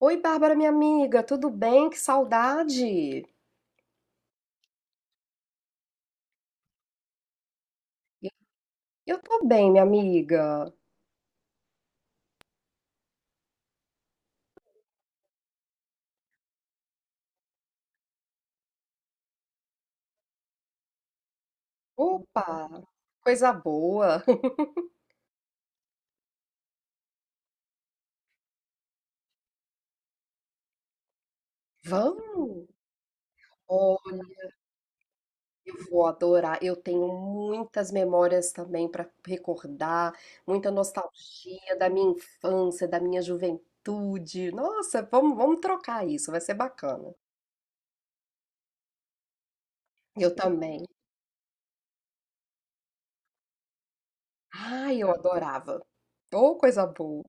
Oi, Bárbara, minha amiga, tudo bem? Que saudade! Eu tô bem, minha amiga. Opa, coisa boa. Vamos? Oh, eu vou adorar. Eu tenho muitas memórias também para recordar, muita nostalgia da minha infância, da minha juventude. Nossa, vamos, vamos trocar isso, vai ser bacana. Eu também. Ai, eu adorava. Oh, coisa boa.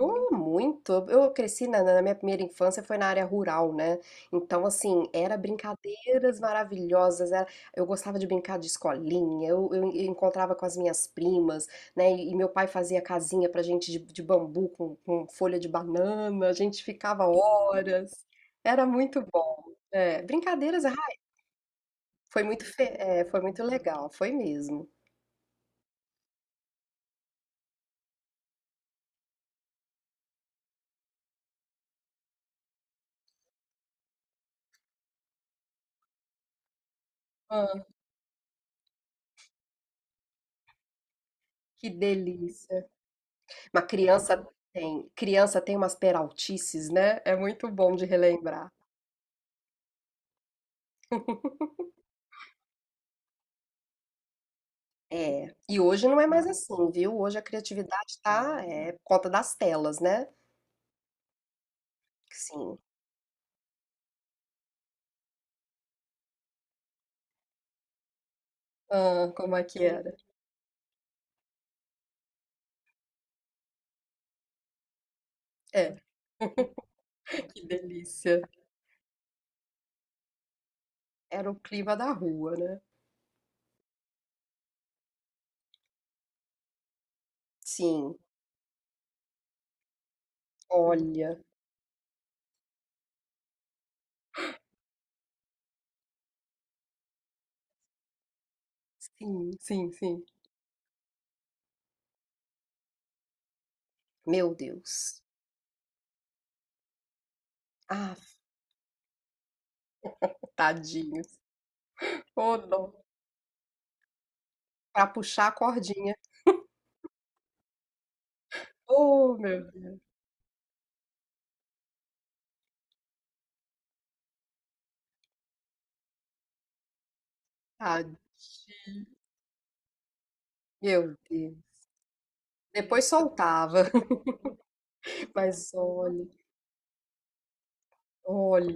Oh, muito. Eu cresci na minha primeira infância foi na área rural, né? Então, assim, era brincadeiras maravilhosas. Eu gostava de brincar de escolinha. Eu encontrava com as minhas primas, né? E, meu pai fazia casinha pra gente de bambu com folha de banana. A gente ficava horas. Era muito bom. É, brincadeiras, ah, foi muito legal, foi mesmo. Ah, que delícia. Uma criança Criança tem umas peraltices, né? É muito bom de relembrar. É. E hoje não é mais assim, viu? Hoje a criatividade tá, por conta das telas, né? Sim. Ah, como é que era? É, que delícia. Era o clima da rua, né? Sim. Olha. Sim, sim, sim. Meu Deus. Ah, tadinhos. Oh, dó. Pra puxar a cordinha. Oh, meu Deus. Tadinho. Meu Deus. Depois soltava. Mas olha. Olha,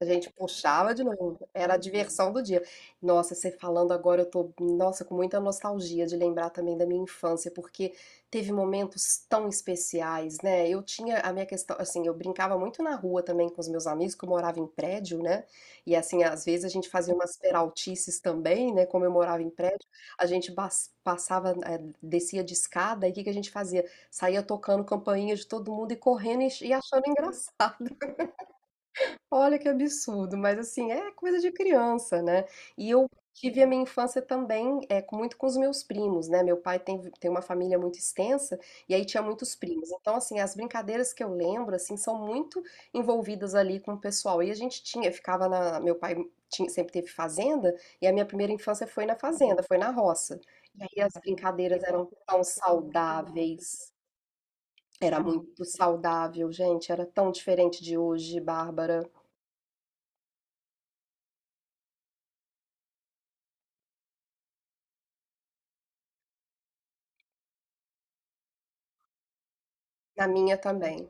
a gente puxava de novo. Era a diversão do dia. Nossa, você falando agora, eu tô, nossa, com muita nostalgia de lembrar também da minha infância, porque teve momentos tão especiais, né? Eu tinha a minha questão, assim, eu brincava muito na rua também com os meus amigos, que eu morava em prédio, né? E assim, às vezes a gente fazia umas peraltices também, né? Como eu morava em prédio, a gente passava, descia de escada, e o que que a gente fazia? Saía tocando campainha de todo mundo e correndo e achando engraçado. Olha que absurdo, mas assim, é coisa de criança, né? E eu tive a minha infância também muito com os meus primos, né? Meu pai tem uma família muito extensa e aí tinha muitos primos. Então, assim, as brincadeiras que eu lembro, assim, são muito envolvidas ali com o pessoal. E a gente tinha, ficava na. Meu pai sempre teve fazenda e a minha primeira infância foi na fazenda, foi na roça. E aí as brincadeiras eram tão saudáveis, era muito saudável, gente, era tão diferente de hoje, Bárbara. Na minha também.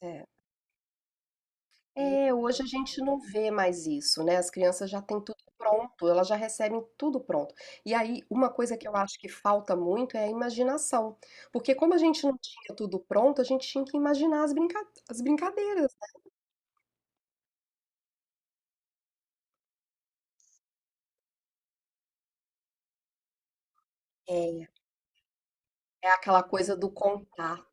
É. É, hoje a gente não vê mais isso, né, as crianças já têm tudo pronto, elas já recebem tudo pronto. E aí, uma coisa que eu acho que falta muito é a imaginação, porque como a gente não tinha tudo pronto, a gente tinha que imaginar as brincadeiras. É, é aquela coisa do contato.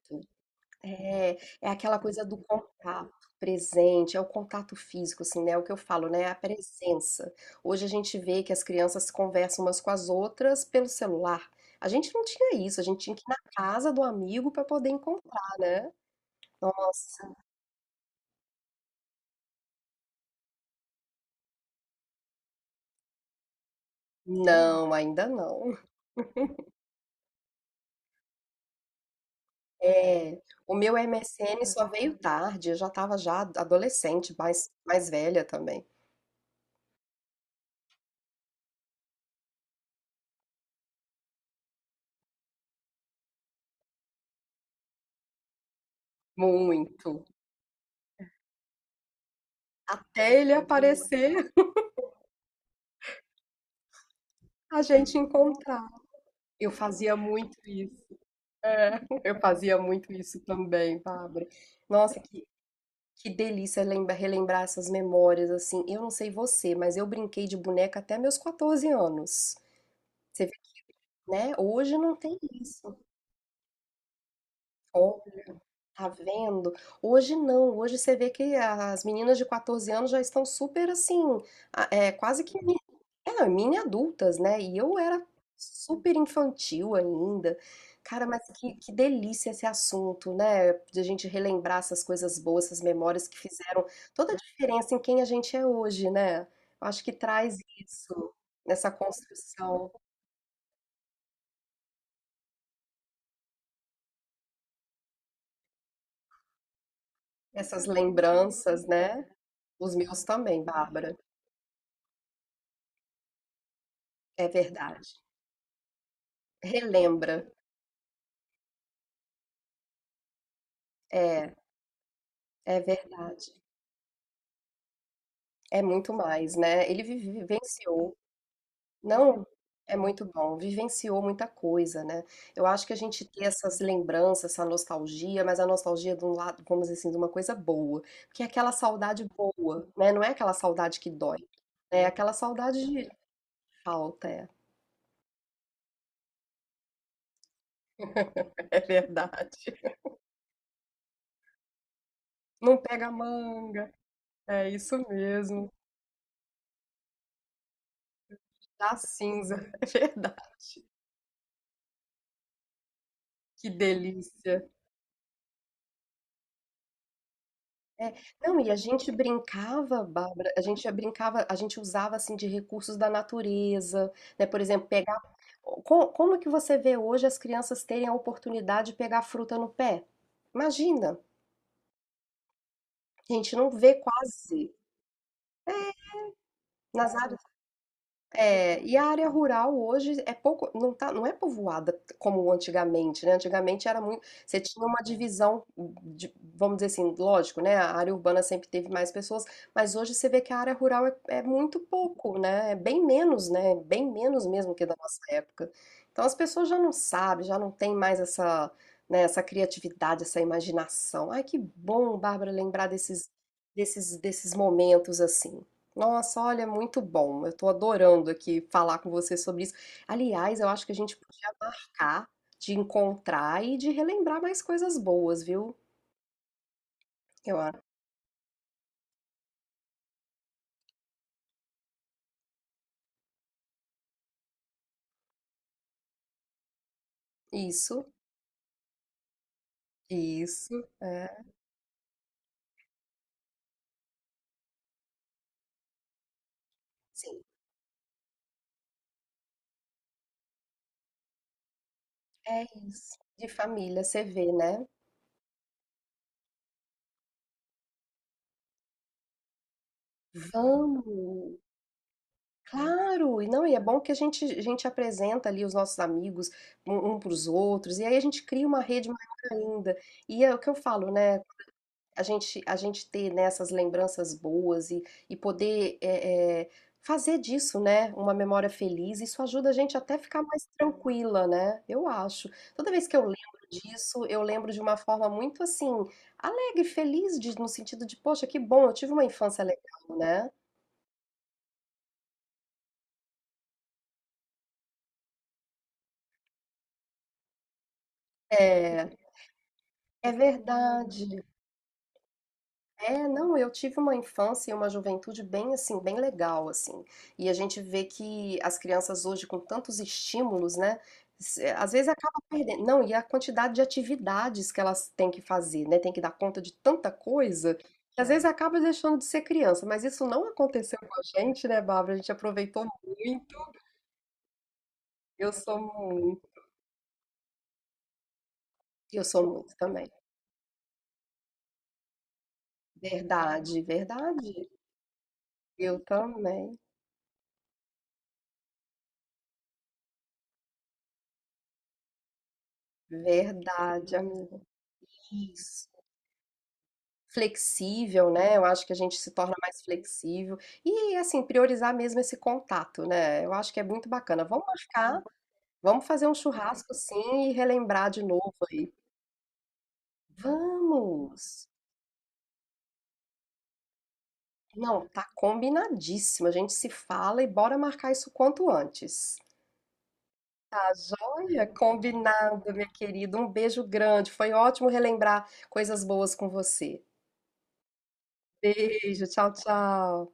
É aquela coisa do contato presente, é o contato físico, assim, né? É o que eu falo, né? é a presença. Hoje a gente vê que as crianças conversam umas com as outras pelo celular. A gente não tinha isso, a gente tinha que ir na casa do amigo para poder encontrar, né? Nossa, não, ainda não. É, o meu MSN só veio tarde, eu já estava já adolescente, mais velha também. Muito. Até ele aparecer, a gente encontrar. Eu fazia muito isso. É, eu fazia muito isso também, Bárbara. Nossa, que delícia relembrar essas memórias, assim. Eu não sei você, mas eu brinquei de boneca até meus 14 anos. Você vê, né? Hoje não tem isso. Tá vendo? Hoje não, hoje você vê que as meninas de 14 anos já estão super assim, quase que mini adultas, né? E eu era super infantil ainda. Cara, mas que delícia esse assunto, né? De a gente relembrar essas coisas boas, essas memórias que fizeram toda a diferença em quem a gente é hoje, né? Eu acho que traz isso, nessa construção, essas lembranças, né? Os meus também, Bárbara, é verdade. Relembra. É, é verdade. É muito mais, né? Ele vivenciou, não é muito bom, vivenciou muita coisa, né? Eu acho que a gente tem essas lembranças, essa nostalgia, mas a nostalgia de um lado, vamos dizer assim, de uma coisa boa, porque é aquela saudade boa, né? Não é aquela saudade que dói, né? É aquela saudade de falta, é. É verdade. Não pega a manga, é isso mesmo, da cinza, é verdade. Que delícia. É, não, e a gente brincava, Bárbara, a gente brincava, a gente usava assim de recursos da natureza, né? Por exemplo, pegar. Como é que você vê hoje as crianças terem a oportunidade de pegar fruta no pé? Imagina, a gente não vê quase é, nas áreas. É, e a área rural hoje é pouco, não tá, não é povoada como antigamente, né? Antigamente era muito, você tinha uma divisão, vamos dizer assim, lógico, né? A área urbana sempre teve mais pessoas, mas hoje você vê que a área rural é muito pouco, né? É bem menos, né? Bem menos mesmo que da nossa época. Então as pessoas já não sabem, já não tem mais essa, né, essa criatividade, essa imaginação. Ai, que bom, Bárbara, lembrar desses, momentos assim. Nossa, olha, muito bom. Eu tô adorando aqui falar com você sobre isso. Aliás, eu acho que a gente podia marcar de encontrar e de relembrar mais coisas boas, viu? Eu acho. Isso, isso, é. Sim, é isso. De família, você vê, né? Vamos! Claro! E não, e é bom que a gente apresenta ali os nossos amigos um, para os outros, e aí a gente cria uma rede maior ainda. E é o que eu falo, né? A gente ter, né, essas lembranças boas e poder fazer disso, né, uma memória feliz, isso ajuda a gente até ficar mais tranquila, né? Eu acho. Toda vez que eu lembro disso, eu lembro de uma forma muito assim, alegre, feliz, no sentido de, poxa, que bom, eu tive uma infância legal, né? É, é verdade. É, não, eu tive uma infância e uma juventude bem assim, bem legal assim. E a gente vê que as crianças hoje com tantos estímulos, né, às vezes acaba perdendo. Não, e a quantidade de atividades que elas têm que fazer, né, tem que dar conta de tanta coisa, que às vezes acaba deixando de ser criança, mas isso não aconteceu com a gente, né, Bárbara? A gente aproveitou muito. Eu sou muito, eu sou muito também. Verdade, verdade. Eu também. Verdade, amiga. Isso. Flexível, né? Eu acho que a gente se torna mais flexível e assim priorizar mesmo esse contato, né? Eu acho que é muito bacana. Vamos marcar, vamos fazer um churrasco sim e relembrar de novo aí. Vamos. Não, tá combinadíssimo. A gente se fala e bora marcar isso quanto antes. Tá joia? Combinado, minha querida. Um beijo grande. Foi ótimo relembrar coisas boas com você. Beijo, tchau, tchau.